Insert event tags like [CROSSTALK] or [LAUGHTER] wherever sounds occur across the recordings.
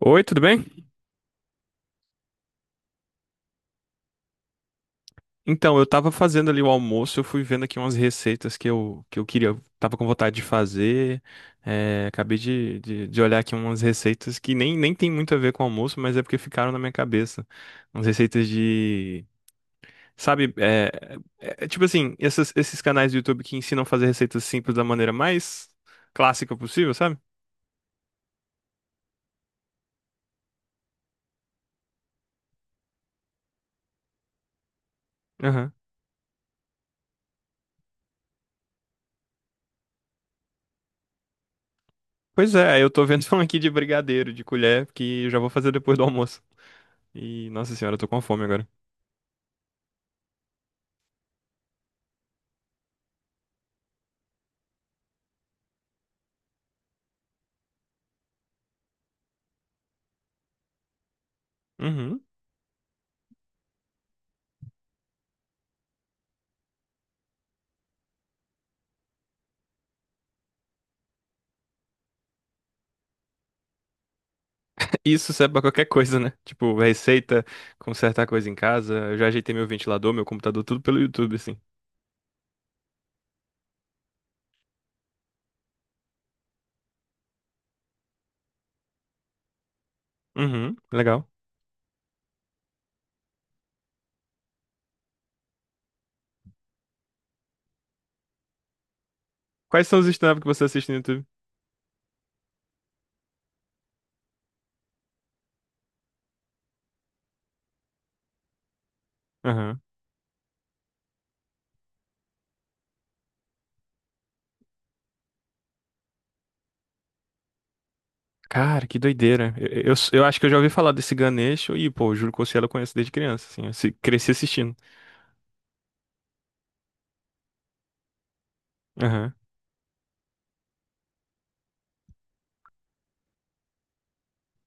Oi, tudo bem? Então, eu tava fazendo ali o almoço, eu fui vendo aqui umas receitas que eu queria, eu tava com vontade de fazer. É, acabei de olhar aqui umas receitas que nem tem muito a ver com almoço, mas é porque ficaram na minha cabeça. Umas receitas de. Sabe, é, é tipo assim, esses canais do YouTube que ensinam a fazer receitas simples da maneira mais clássica possível, sabe? Aham. Pois é, eu tô vendo [LAUGHS] um aqui de brigadeiro, de colher, que eu já vou fazer depois do almoço. E, nossa senhora, eu tô com fome agora. Uhum. Isso serve pra qualquer coisa, né? Tipo, receita, consertar coisa em casa. Eu já ajeitei meu ventilador, meu computador, tudo pelo YouTube, assim. Uhum, legal. Quais são os stand-up que você assiste no YouTube? Aham. Cara, que doideira. Eu acho que eu já ouvi falar desse Ganesh. E, pô, o Júlio Cocielo eu conheço desde criança, assim. Eu se- cresci assistindo. Aham.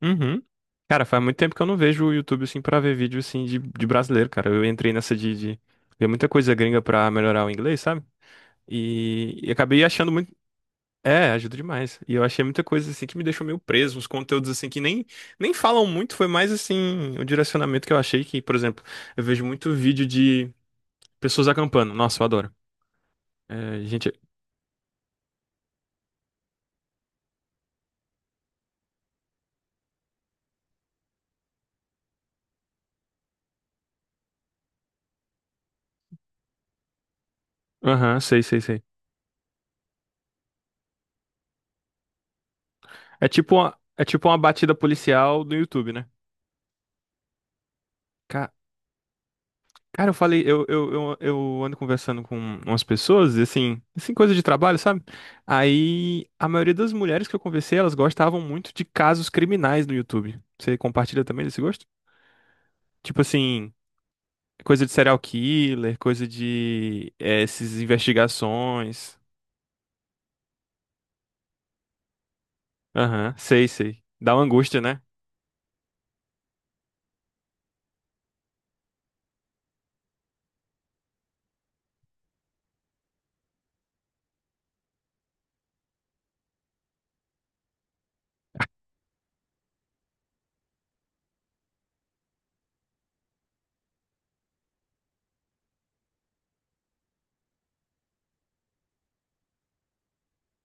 Uhum. Cara, faz muito tempo que eu não vejo o YouTube, assim, pra ver vídeo, assim, de brasileiro, cara. Eu entrei nessa de ver muita coisa gringa pra melhorar o inglês, sabe? E acabei achando muito É, ajuda demais. E eu achei muita coisa assim que me deixou meio preso, uns conteúdos assim que nem falam muito, foi mais assim o direcionamento que eu achei que, por exemplo, eu vejo muito vídeo de pessoas acampando. Nossa, eu adoro. É, gente, aham, sei, sei, sei. É tipo uma batida policial do YouTube, né? Ca- Cara, eu falei, eu ando conversando com umas pessoas, e assim, coisa de trabalho, sabe? Aí a maioria das mulheres que eu conversei, elas gostavam muito de casos criminais no YouTube. Você compartilha também desse gosto? Tipo assim, coisa de serial killer, coisa de essas investigações. Aham, sei, sei. Dá uma angústia, né?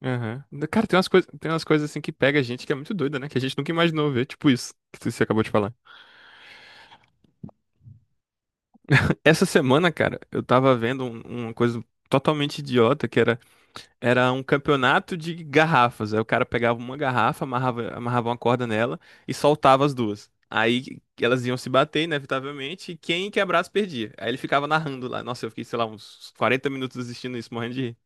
Aham. Cara, tem umas coisas assim que pega a gente que é muito doida, né? Que a gente nunca imaginou ver, tipo isso que você acabou de falar. Essa semana, cara, eu tava vendo uma coisa totalmente idiota que era. Era um campeonato de garrafas. Aí o cara pegava uma garrafa, amarrava uma corda nela e soltava as duas. Aí elas iam se bater, inevitavelmente, e quem quebrasse perdia. Aí ele ficava narrando lá. Nossa, eu fiquei, sei lá, uns 40 minutos assistindo isso, morrendo de rir.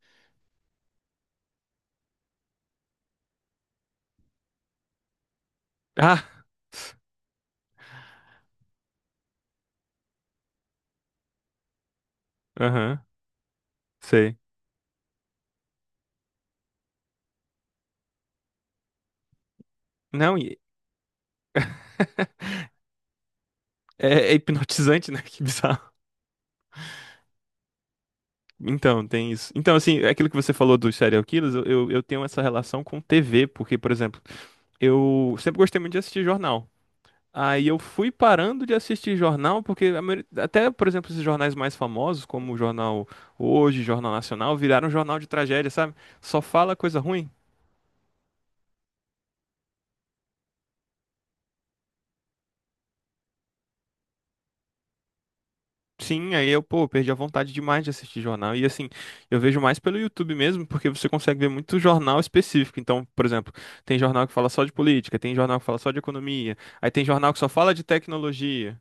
[LAUGHS] Ah! Aham, sei. Não, e é hipnotizante, né? [LAUGHS] Que bizarro. Então, tem isso. Então, assim, aquilo que você falou dos serial killers, eu tenho essa relação com TV, porque, por exemplo, eu sempre gostei muito de assistir jornal. Aí eu fui parando de assistir jornal, porque a até, por exemplo, esses jornais mais famosos, como o Jornal Hoje, Jornal Nacional, viraram jornal de tragédia, sabe? Só fala coisa ruim. Sim, aí eu, pô, perdi a vontade demais de assistir jornal. E assim, eu vejo mais pelo YouTube mesmo, porque você consegue ver muito jornal específico. Então, por exemplo, tem jornal que fala só de política, tem jornal que fala só de economia, aí tem jornal que só fala de tecnologia.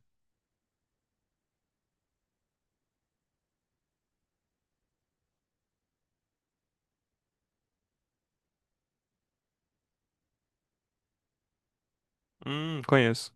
Conheço.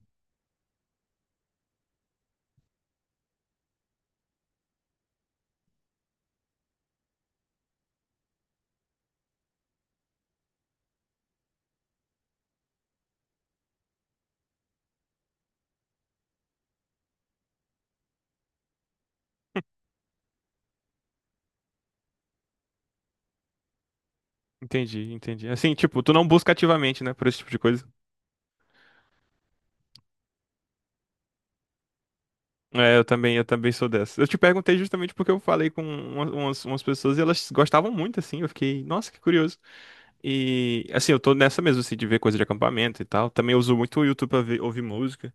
Entendi, entendi. Assim, tipo, tu não busca ativamente, né, por esse tipo de coisa. É, eu também sou dessa. Eu te perguntei justamente porque eu falei com umas pessoas e elas gostavam muito, assim. Eu fiquei, nossa, que curioso. E, assim, eu tô nessa mesmo, assim, de ver coisa de acampamento e tal. Também uso muito o YouTube pra ouvir música.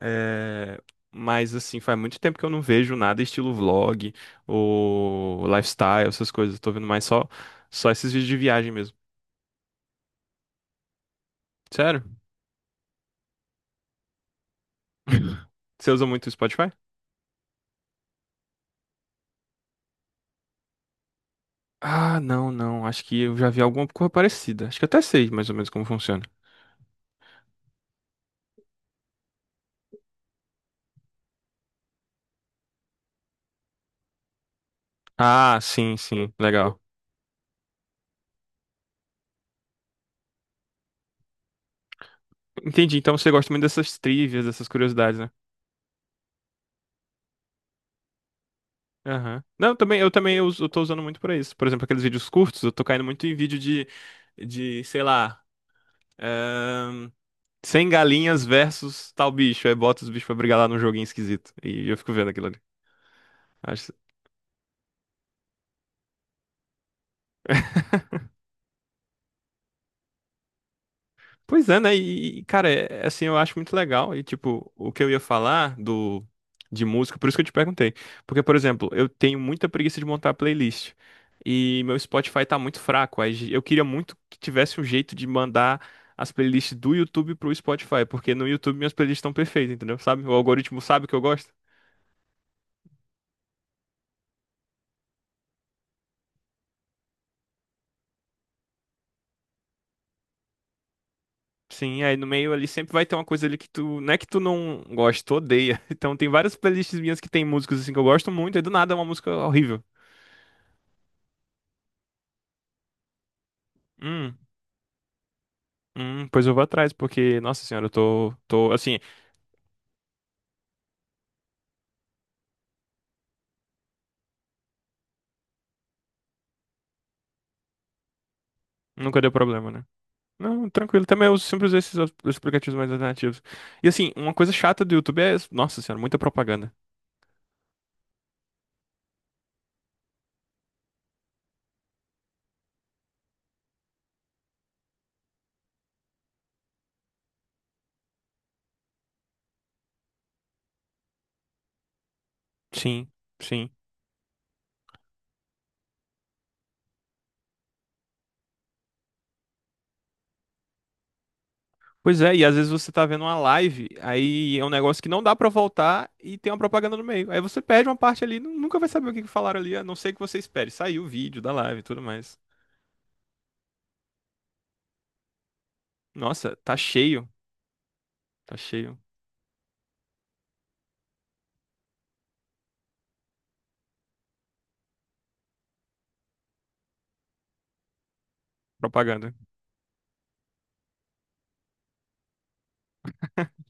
É, mas, assim, faz muito tempo que eu não vejo nada estilo vlog ou lifestyle, essas coisas. Eu tô vendo mais só esses vídeos de viagem mesmo. Sério? [LAUGHS] Você usa muito o Spotify? Ah, não, não. Acho que eu já vi alguma coisa parecida. Acho que eu até sei mais ou menos como funciona. Ah, sim, sim, legal. Entendi. Então você gosta muito dessas trivias, dessas curiosidades, né? Aham. Não, também, eu também eu tô usando muito pra isso. Por exemplo, aqueles vídeos curtos, eu tô caindo muito em vídeo de, sei lá, ahn, 100 galinhas versus tal bicho. Aí bota os bichos pra brigar lá num joguinho esquisito. E eu fico vendo aquilo ali. Acho. Pois é, né? E, cara, é, assim, eu acho muito legal. E, tipo, o que eu ia falar do de música, por isso que eu te perguntei. Porque, por exemplo, eu tenho muita preguiça de montar playlist. E meu Spotify tá muito fraco. Aí eu queria muito que tivesse um jeito de mandar as playlists do YouTube pro Spotify. Porque no YouTube minhas playlists estão perfeitas, entendeu? Sabe? O algoritmo sabe que eu gosto. Sim, aí no meio ali sempre vai ter uma coisa ali que tu. Não é que tu não gosta, tu odeia. [LAUGHS] Então tem várias playlists minhas que tem músicas assim que eu gosto muito, e do nada é uma música horrível. Hum. Pois eu vou atrás, porque, nossa senhora, eu tô, assim, nunca deu problema, né? Não, tranquilo, também eu sempre usei esses os aplicativos mais alternativos. E assim, uma coisa chata do YouTube é, nossa senhora, muita propaganda. Sim, sim. Pois é, e às vezes você tá vendo uma live, aí é um negócio que não dá pra voltar e tem uma propaganda no meio. Aí você perde uma parte ali, nunca vai saber o que que falaram ali, a não ser que você espere. Saiu o vídeo da live e tudo mais. Nossa, tá cheio, tá cheio. Propaganda.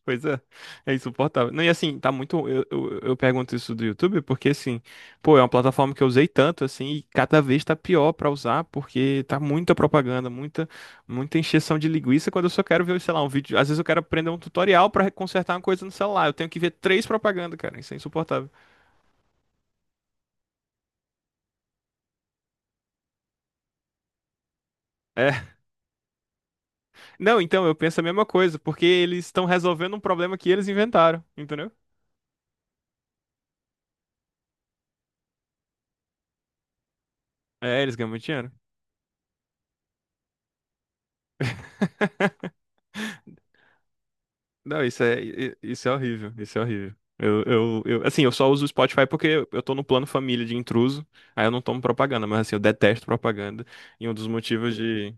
Coisa é insuportável. Não, e assim, tá muito. Eu pergunto isso do YouTube porque, assim, pô, é uma plataforma que eu usei tanto, assim, e cada vez tá pior pra usar porque tá muita propaganda, muita encheção de linguiça. Quando eu só quero ver, sei lá, um vídeo. Às vezes eu quero aprender um tutorial pra consertar uma coisa no celular. Eu tenho que ver três propagandas, cara. Isso é insuportável. É. [LAUGHS] Não, então, eu penso a mesma coisa porque eles estão resolvendo um problema que eles inventaram, entendeu? É, eles ganham muito dinheiro. Não, isso é, isso é horrível, isso é horrível. Eu, assim, eu só uso o Spotify porque eu tô no plano família de intruso, aí eu não tomo propaganda, mas assim, eu detesto propaganda. E um dos motivos de.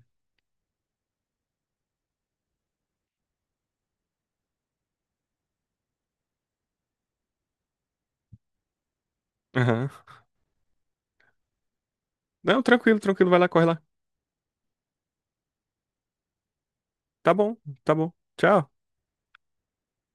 Aham. Não, tranquilo, tranquilo, vai lá, corre lá. Tá bom, tá bom. Tchau.